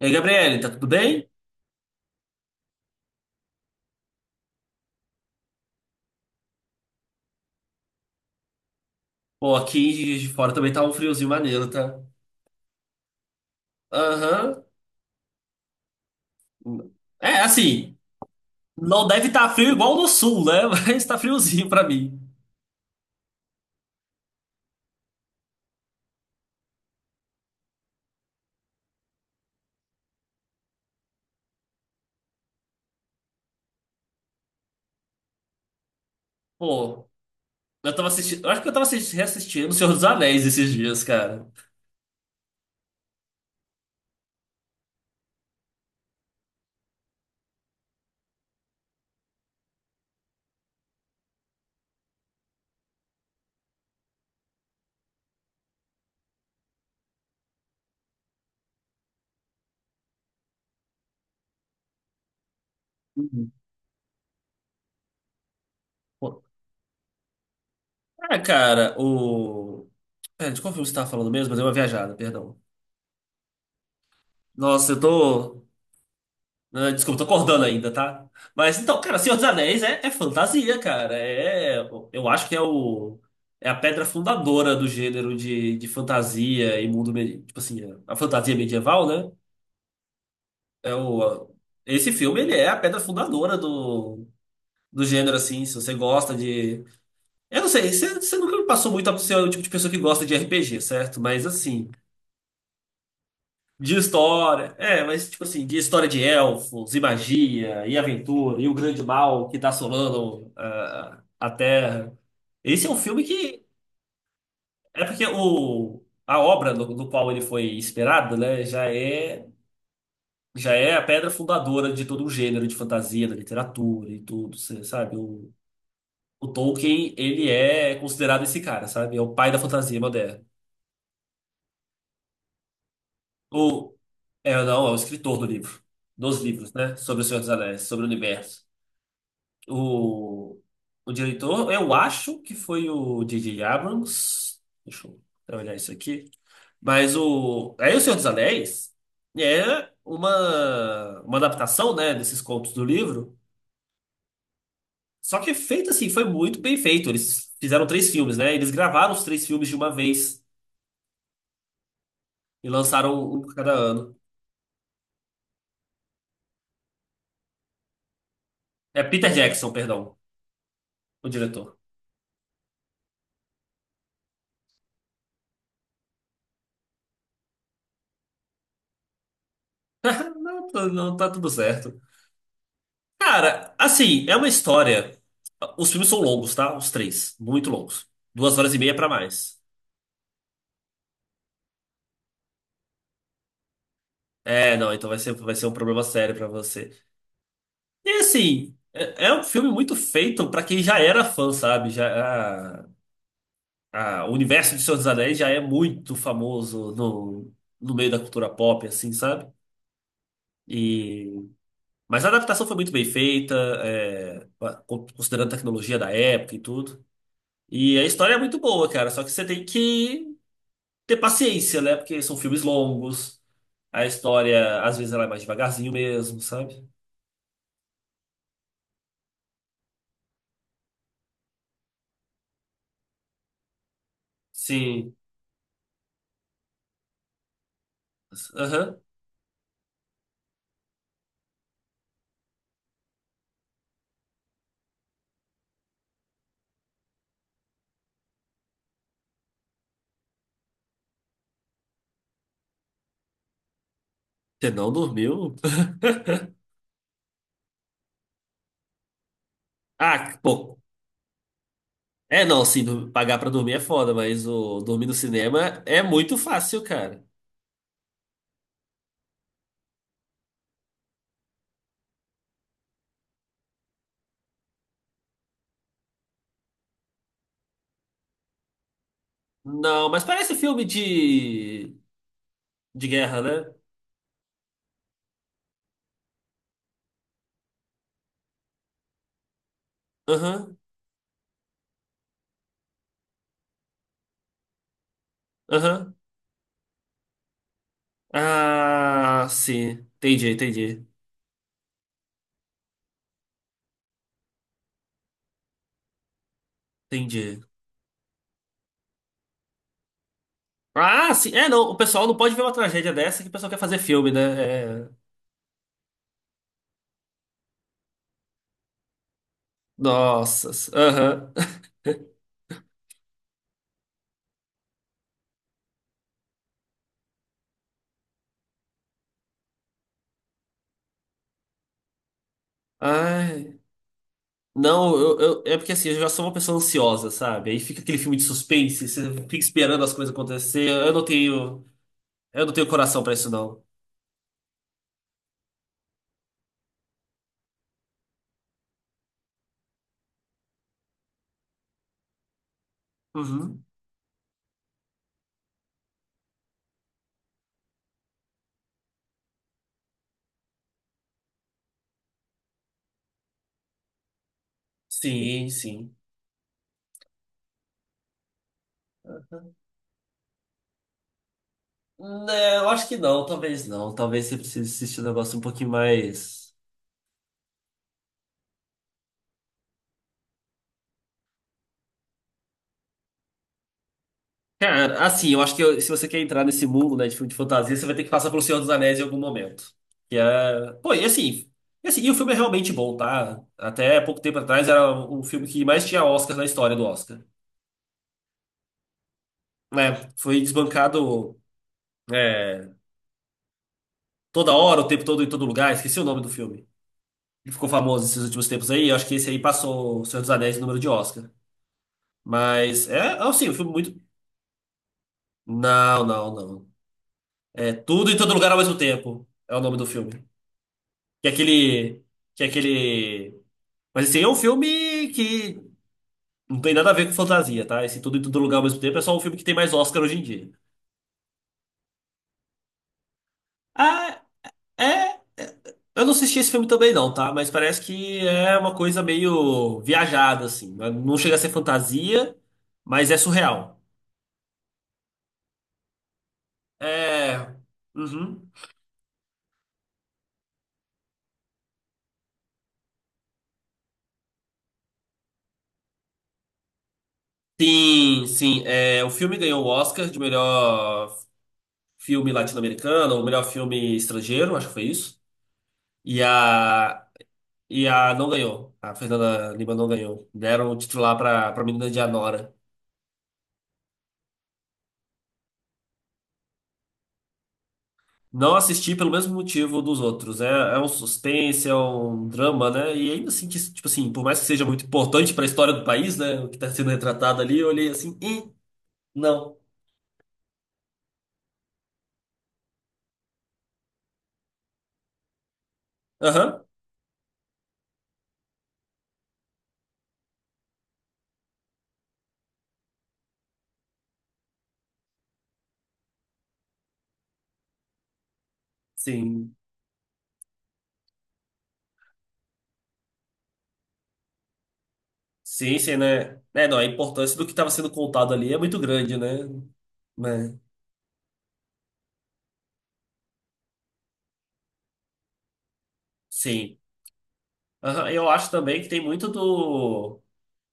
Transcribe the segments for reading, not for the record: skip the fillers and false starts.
E aí, Gabriele, tá tudo bem? Pô, aqui em Juiz de fora também tá um friozinho maneiro, tá? Aham. É, assim, não deve estar frio igual no sul, né? Mas tá friozinho pra mim. Pô, eu tava assistindo. Eu acho que eu tava reassistindo O Senhor dos Anéis esses dias, cara. Uhum. Pô, ah, cara, o. Pera, de qual filme você tava falando mesmo? Mas deu uma viajada, perdão. Nossa, eu tô. Ah, desculpa, tô acordando ainda, tá? Mas então, cara, Senhor dos Anéis é fantasia, cara. Eu acho que é o é a pedra fundadora do gênero de fantasia e mundo, tipo assim, a fantasia medieval, né? É o a- esse filme ele é a pedra fundadora do gênero assim, se você gosta de. Eu não sei, você nunca me passou muito a ser o tipo de pessoa que gosta de RPG, certo? Mas assim, de história. É, mas tipo assim, de história de elfos, e magia, e aventura, e o grande mal que tá assolando a Terra. Esse é um filme que. É porque a obra do qual ele foi inspirado, né, já é a pedra fundadora de todo um gênero de fantasia, da literatura e tudo, cê sabe? O Tolkien, ele é considerado esse cara, sabe? É o pai da fantasia moderna. O, não, é o escritor do livro, dos livros, né? Sobre o Senhor dos Anéis, sobre o universo. O, o diretor, eu acho que foi o D J Abrams. Deixa eu olhar isso aqui. Mas o. Aí o Senhor dos Anéis é uma adaptação, né, desses contos do livro. Só que é feito assim, foi muito bem feito. Eles fizeram três filmes, né? Eles gravaram os três filmes de uma vez e lançaram um por cada ano. É Peter Jackson, perdão, o diretor. Não, não tá tudo certo. Cara, assim, é uma história. Os filmes são longos, tá? Os três. Muito longos. Duas horas e meia pra mais. É, não, então vai ser um problema sério pra você. E assim, é um filme muito feito pra quem já era fã, sabe? O universo de Senhor dos Anéis já é muito famoso no meio da cultura pop, assim, sabe? E, mas a adaptação foi muito bem feita, é, considerando a tecnologia da época e tudo. E a história é muito boa, cara. Só que você tem que ter paciência, né? Porque são filmes longos, a história às vezes ela é mais devagarzinho mesmo, sabe? Sim. Aham. Você não dormiu? Ah, pô. É, não, sim, pagar pra dormir é foda, mas o dormir no cinema é muito fácil, cara. Não, mas parece filme de guerra, né? Aham, aham. Ah, sim. Entendi. Entendi. Ah, sim. É, não. O pessoal não pode ver uma tragédia dessa que o pessoal quer fazer filme, né? É... Nossa. Aham. Ai, não, é porque assim, eu já sou uma pessoa ansiosa, sabe? Aí fica aquele filme de suspense, você fica esperando as coisas acontecer. Eu não tenho coração pra isso, não. Uhum. Sim, sim. Né, eu acho que não, talvez não. Talvez você precise assistir um negócio um pouquinho mais. Cara, assim, eu acho que eu- se você quer entrar nesse mundo, né, de filme de fantasia, você vai ter que passar pelo Senhor dos Anéis em algum momento. Que é. Pô, e assim, e o filme é realmente bom, tá? Até pouco tempo atrás era o filme que mais tinha Oscar na história do Oscar. É, foi desbancado é, toda hora, o tempo todo, em todo lugar. Esqueci o nome do filme. Ele ficou famoso esses últimos tempos aí. Eu acho que esse aí passou o Senhor dos Anéis em número de Oscar. Mas é assim, um filme muito. Não. É Tudo em Todo Lugar ao mesmo tempo. É o nome do filme. Que é aquele. Que é aquele. Mas assim, é um filme que não tem nada a ver com fantasia, tá? Esse Tudo em Todo Lugar ao mesmo tempo é só um filme que tem mais Oscar hoje em dia. Ah, É, é, eu não assisti esse filme também não, tá? Mas parece que é uma coisa meio viajada, assim. Não chega a ser fantasia, mas é surreal. É. Uhum. Sim, sim. É, o filme ganhou o Oscar de melhor filme latino-americano, ou melhor filme estrangeiro, acho que foi isso. E a, e a não ganhou. A Fernanda Lima não ganhou. Deram o título lá pra menina de Anora. Não assisti pelo mesmo motivo dos outros. É, é um suspense, é um drama, né? E ainda assim, que, tipo assim, por mais que seja muito importante para a história do país, né? O que está sendo retratado ali, eu olhei assim, e não. Aham, sim. Sim, sim, né? É, não, a importância do que estava sendo contado ali é muito grande, né? Né? Sim. Aham, eu acho também que tem muito do.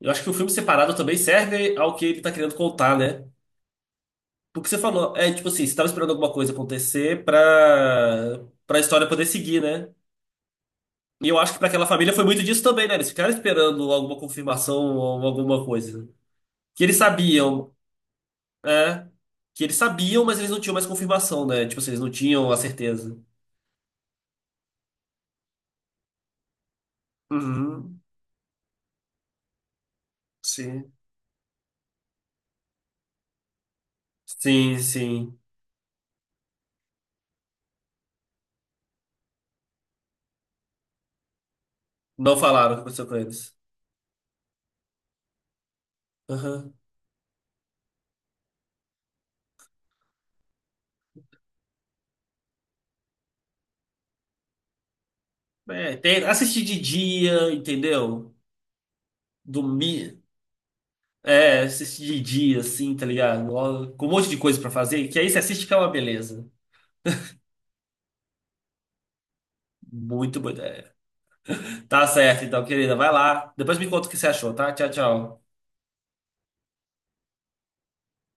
Eu acho que o filme separado também serve ao que ele está querendo contar, né? O que você falou é tipo assim, você tava esperando alguma coisa acontecer pra história poder seguir, né? E eu acho que pra aquela família foi muito disso também, né? Eles ficaram esperando alguma confirmação ou alguma coisa. Que eles sabiam, é. Que eles sabiam, mas eles não tinham mais confirmação, né? Tipo assim, eles não tinham a certeza. Uhum. Sim. Sim, sim. Não falaram o que aconteceu com eles. Aham. É, tem, assistir de dia, entendeu? Dormir. É, assiste de dia, assim, tá ligado? Ó, com um monte de coisa pra fazer, que aí você assiste que é uma beleza. Muito boa ideia. Tá certo, então, querida, vai lá. Depois me conta o que você achou, tá? Tchau, tchau.